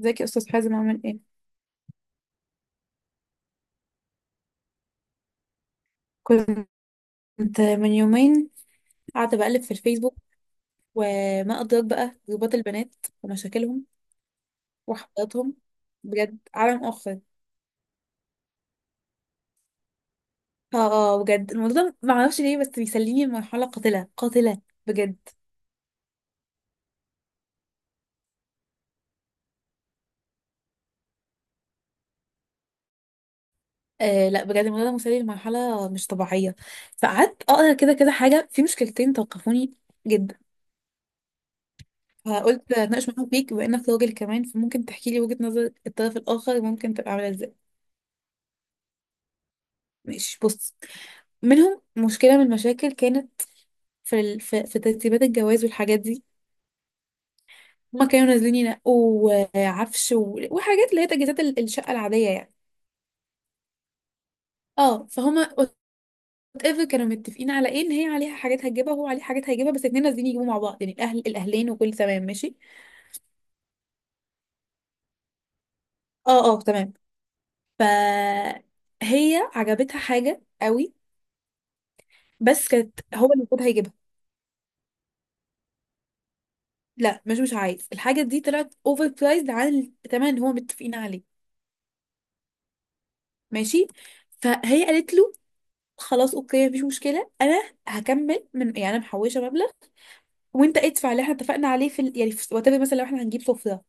ازيك يا استاذ حازم، عامل ايه؟ كنت من يومين قاعده بقلب في الفيسبوك، وما ادراك بقى جروبات البنات ومشاكلهم وحواراتهم. بجد عالم اخر. بجد الموضوع ده ما اعرفش ليه بس بيسليني لمرحله قاتله قاتله، بجد. آه لا، بجد الموضوع ده مسلي لمرحله مش طبيعيه. فقعدت اقرا كده كده حاجه، في مشكلتين توقفوني جدا. فقلت اتناقش معاك فيك، بما انك راجل كمان فممكن تحكي لي وجهه نظر الطرف الاخر، ممكن تبقى عامله ازاي. ماشي بص، منهم مشكلة من المشاكل كانت في ترتيبات الجواز والحاجات دي. هما كانوا نازلين ينقوا عفش و... وحاجات اللي هي تجهيزات الشقة العادية يعني. اه فهما وات ايفر كانوا متفقين على ايه، ان هي عليها حاجات هتجيبها وهو عليه حاجات هيجيبها، بس الاتنين نازلين يجيبوا مع بعض، يعني الاهل الاهلين وكل تمام ماشي. اه اه تمام. ف هي عجبتها حاجة قوي، بس كانت هو اللي المفروض هيجيبها. لا مش عايز، الحاجة دي طلعت اوفر برايزد عن الثمن اللي هما متفقين عليه. ماشي، فهي قالت له خلاص اوكي، مفيش مشكله، انا هكمل من، يعني انا محوشه مبلغ وانت ادفع اللي احنا اتفقنا عليه يعني في وات ايفر، مثلا لو احنا هنجيب سفره،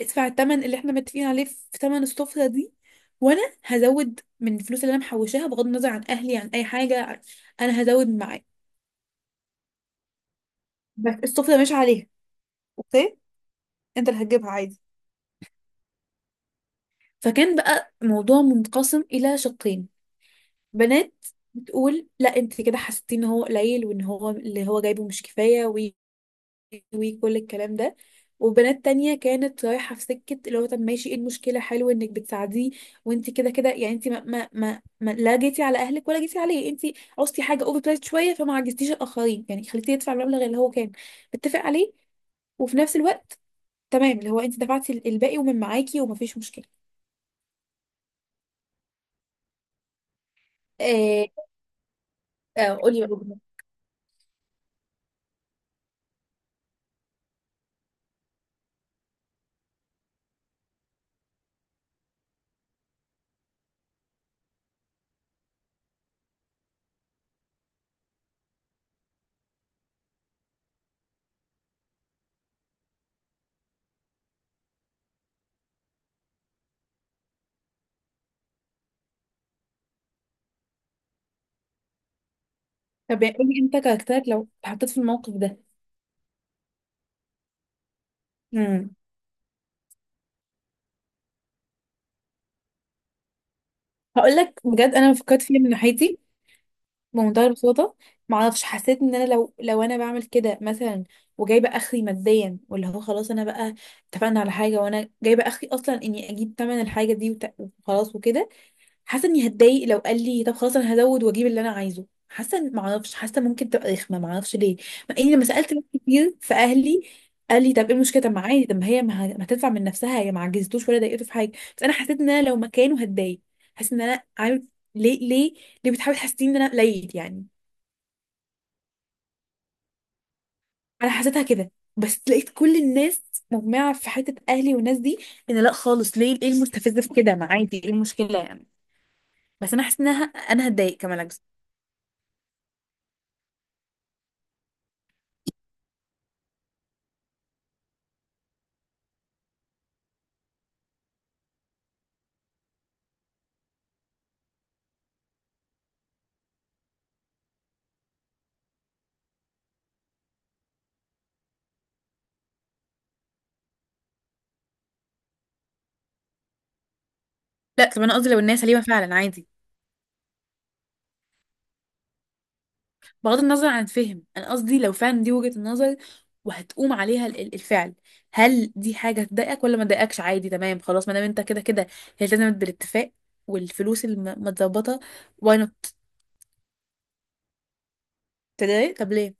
ادفع الثمن اللي احنا متفقين عليه في ثمن السفره دي، وانا هزود من الفلوس اللي انا محوشاها، بغض النظر عن اهلي، عن اي حاجه، انا هزود معاك، بس السفره مش عليها، اوكي؟ انت اللي هتجيبها عادي. فكان بقى موضوع منقسم الى شقين. بنات بتقول لا، انت كده حسيتي ان هو قليل، وان هو اللي هو جايبه مش كفايه، وكل الكلام ده. وبنات تانية كانت رايحة في سكة اللي هو طب ماشي، ايه المشكلة؟ حلو انك بتساعديه، وانت كده كده يعني، انت ما ما ما ما- لا جيتي على اهلك ولا جيتي عليه، انت عوزتي حاجة اوفر برايس شوية، فما عجزتيش الاخرين يعني، خليتيه يدفع المبلغ اللي هو كان متفق عليه، وفي نفس الوقت تمام اللي هو انت دفعتي الباقي ومن معاكي، ومفيش مشكلة. آه، آه قولي بقى. طب يعني قولي انت، كاركترك لو اتحطيت في الموقف ده. امم هقول لك بجد، انا فكرت فيها من ناحيتي بمنتهى البساطة. معرفش، حسيت ان انا لو انا بعمل كده مثلا، وجايبه اخري ماديا، واللي هو خلاص انا بقى اتفقنا على حاجه وانا جايبه اخري، اصلا اني اجيب تمن الحاجه دي وخلاص وكده، حاسه اني هتضايق لو قال لي طب خلاص انا هزود واجيب اللي انا عايزه. حاسه معرفش، حاسه ممكن تبقى رخمه، معرفش ليه. مع اني لما سالت ناس كتير في اهلي، قال لي طب ايه المشكله، طب ما عادي، طب ما هي ما هتدفع من نفسها، هي ما عجزتوش ولا ضايقته في حاجه. بس انا حسيت ان انا لو مكانه هتضايق، حاسه ان انا عارف، ليه ليه ليه بتحاول تحسسني ان انا قليل يعني؟ انا حسيتها كده. بس لقيت كل الناس مجمعه في حته، اهلي والناس دي، ان لا خالص، ليه؟ ايه المستفز في كده؟ ما عادي، ايه المشكله يعني؟ بس انا حاسه انها، انا هتضايق كمان. لا طب انا قصدي لو الناس سليمه فعلا، عادي. بغض النظر عن الفهم، انا قصدي لو فعلا دي وجهه النظر وهتقوم عليها ال الفعل، هل دي حاجه تضايقك ولا ما تضايقكش عادي تمام خلاص، ما دام انت كده كده هي التزمت بالاتفاق، والفلوس متظبطه، واي نوت. تضايق؟ طب ليه؟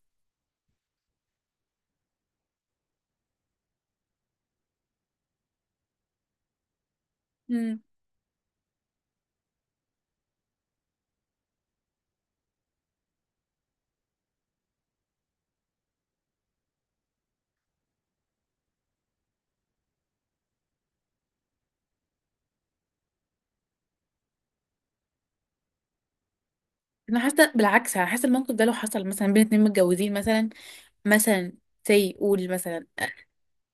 مم. انا حاسه بالعكس، انا حاسه الموقف ده لو حصل مثلا بين اتنين متجوزين مثلا، مثلا سي قول مثلا،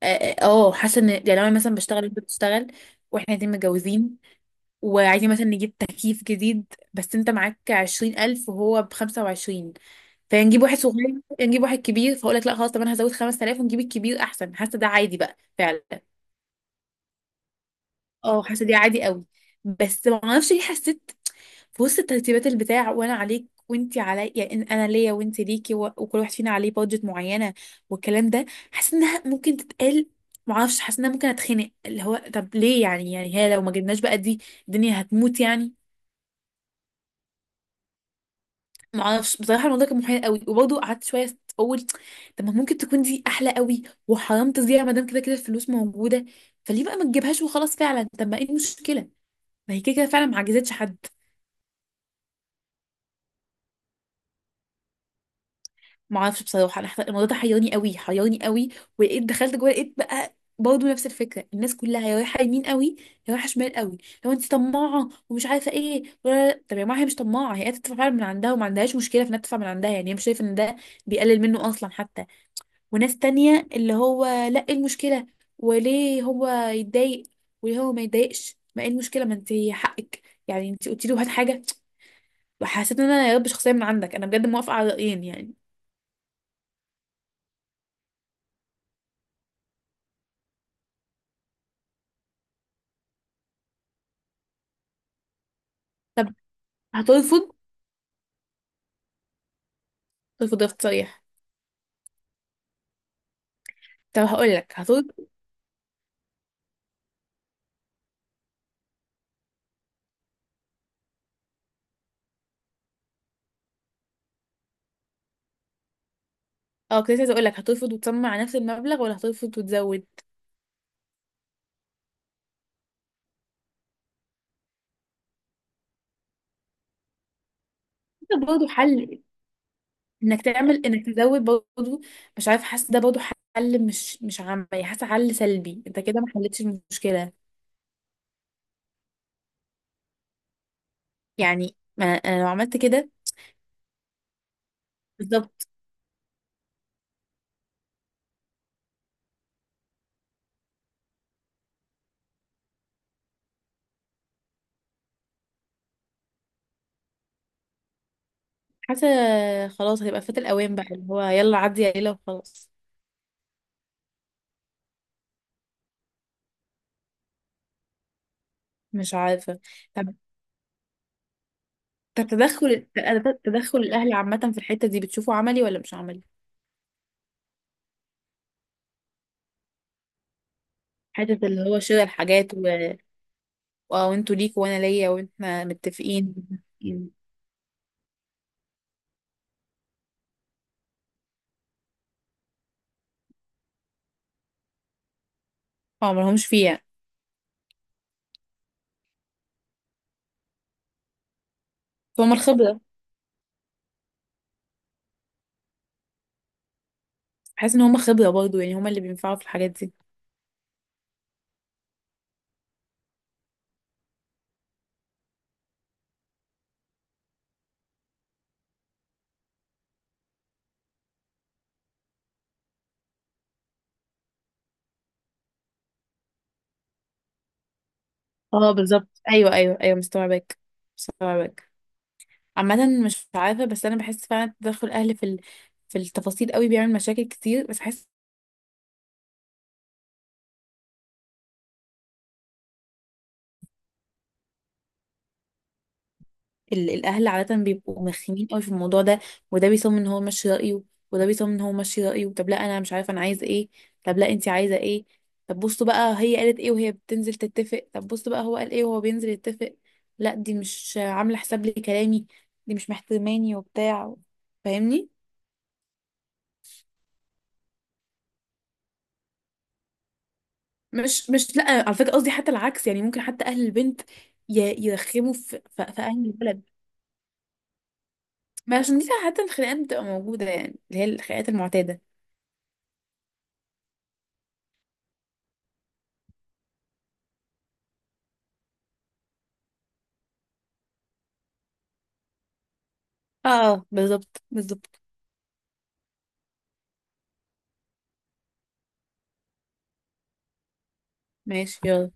حاسه ان يعني، لو انا مثلا بشتغل وانت بتشتغل واحنا الاتنين متجوزين، وعايزين مثلا نجيب تكييف جديد، بس انت معاك 20000 وهو بخمسة وعشرين، فنجيب واحد صغير؟ نجيب واحد كبير، فاقول لك لا خلاص، طب انا هزود 5000 ونجيب الكبير احسن. حاسه ده عادي بقى فعلا. اه، حاسه دي عادي قوي. بس ما اعرفش ليه حسيت في وسط ترتيبات البتاع، وانا عليك وانت علي، يعني انا ليا وانت ليكي، و... وكل واحد فينا عليه بادجت معينه والكلام ده، حاسه انها ممكن تتقال. ما اعرفش، حاسه انها ممكن اتخنق، اللي هو طب ليه يعني هي لو ما جبناش بقى دي الدنيا هتموت يعني؟ ما اعرفش بصراحه الموضوع كان محير قوي، وبرضه قعدت شويه اقول طب ما ممكن تكون دي احلى قوي، وحرام تضيع ما دام كده كده الفلوس موجوده، فليه بقى ما تجيبهاش وخلاص؟ فعلا طب ما ايه المشكله، ما هي كده كده فعلا ما عجزتش حد. ما اعرفش بصراحه انا الموضوع ده حيرني قوي، حيرني قوي. ولقيت دخلت جوه، لقيت بقى برضه نفس الفكره، الناس كلها يا رايحه يمين قوي يا رايحه شمال قوي، لو انت طماعه ومش عارفه ايه، ولا طب يا جماعه هي مش طماعه، هي قاعدة تدفع فعلا من عندها، وما عندهاش مشكله في انها تدفع من عندها، يعني هي مش شايفه ان ده بيقلل منه اصلا حتى. وناس تانية اللي هو لا، ايه المشكلة؟ وليه هو يتضايق؟ وليه هو ما يتضايقش؟ ما ايه المشكلة؟ ما انت حقك، يعني انت قلتي له هات حاجة. وحسيت ان انا يا رب شخصية من عندك، انا بجد موافقة على رأيين يعني. طب هترفض، ترفض رفض صريح؟ طب هقول لك هترفض. اه، كنت عايزة اقول لك هترفض وتصمم على نفس المبلغ، ولا هترفض وتزود؟ ده برضه حل، انك تعمل، انك تزود برضه مش عارف، حاسة ده برضه حل مش عملي، حاسة حل سلبي، انت كده ما حلتش المشكلة، يعني ما انا لو عملت كده بالظبط. حاسة خلاص هيبقى فات الأوان بقى، اللي هو يلا عدي يا ليلى وخلاص. مش عارفة. طب طب تدخل الأهل عامة في الحتة دي، بتشوفه عملي ولا مش عملي؟ حتة اللي هو شراء الحاجات و... آه، وانتوا ليكوا وأنا ليا، وإحنا متفقين متفقين. اه ملهمش فيها، فهم الخبرة. بحس إن هم خبرة برضه، يعني هم اللي بينفعوا في الحاجات دي. اه بالظبط، أيوه أيوه أيوه، مستوعباك مستوعباك. عامة مش عارفة، بس أنا بحس فعلا تدخل الأهل في التفاصيل قوي بيعمل مشاكل كتير، بس بحس الاهل عاده بيبقوا مخيمين قوي في الموضوع ده. وده بيصمم ان هو ماشي رايه، وده بيصمم ان هو ماشي رايه، طب لا انا مش عارفه انا عايزه ايه، طب لا انت عايزه ايه، طب بصوا بقى هي قالت ايه وهي بتنزل تتفق، طب بصوا بقى هو قال ايه وهو بينزل يتفق، لا دي مش عامله حساب لي كلامي، دي مش محترماني وبتاع، فاهمني؟ مش لا، على فكره قصدي حتى العكس، يعني ممكن حتى اهل البنت يرخموا في اهل الولد، ما عشان دي حتى الخناقات بتبقى موجوده، يعني اللي هي الخناقات المعتاده. اه اه بالظبط بالظبط، ماشي يلا.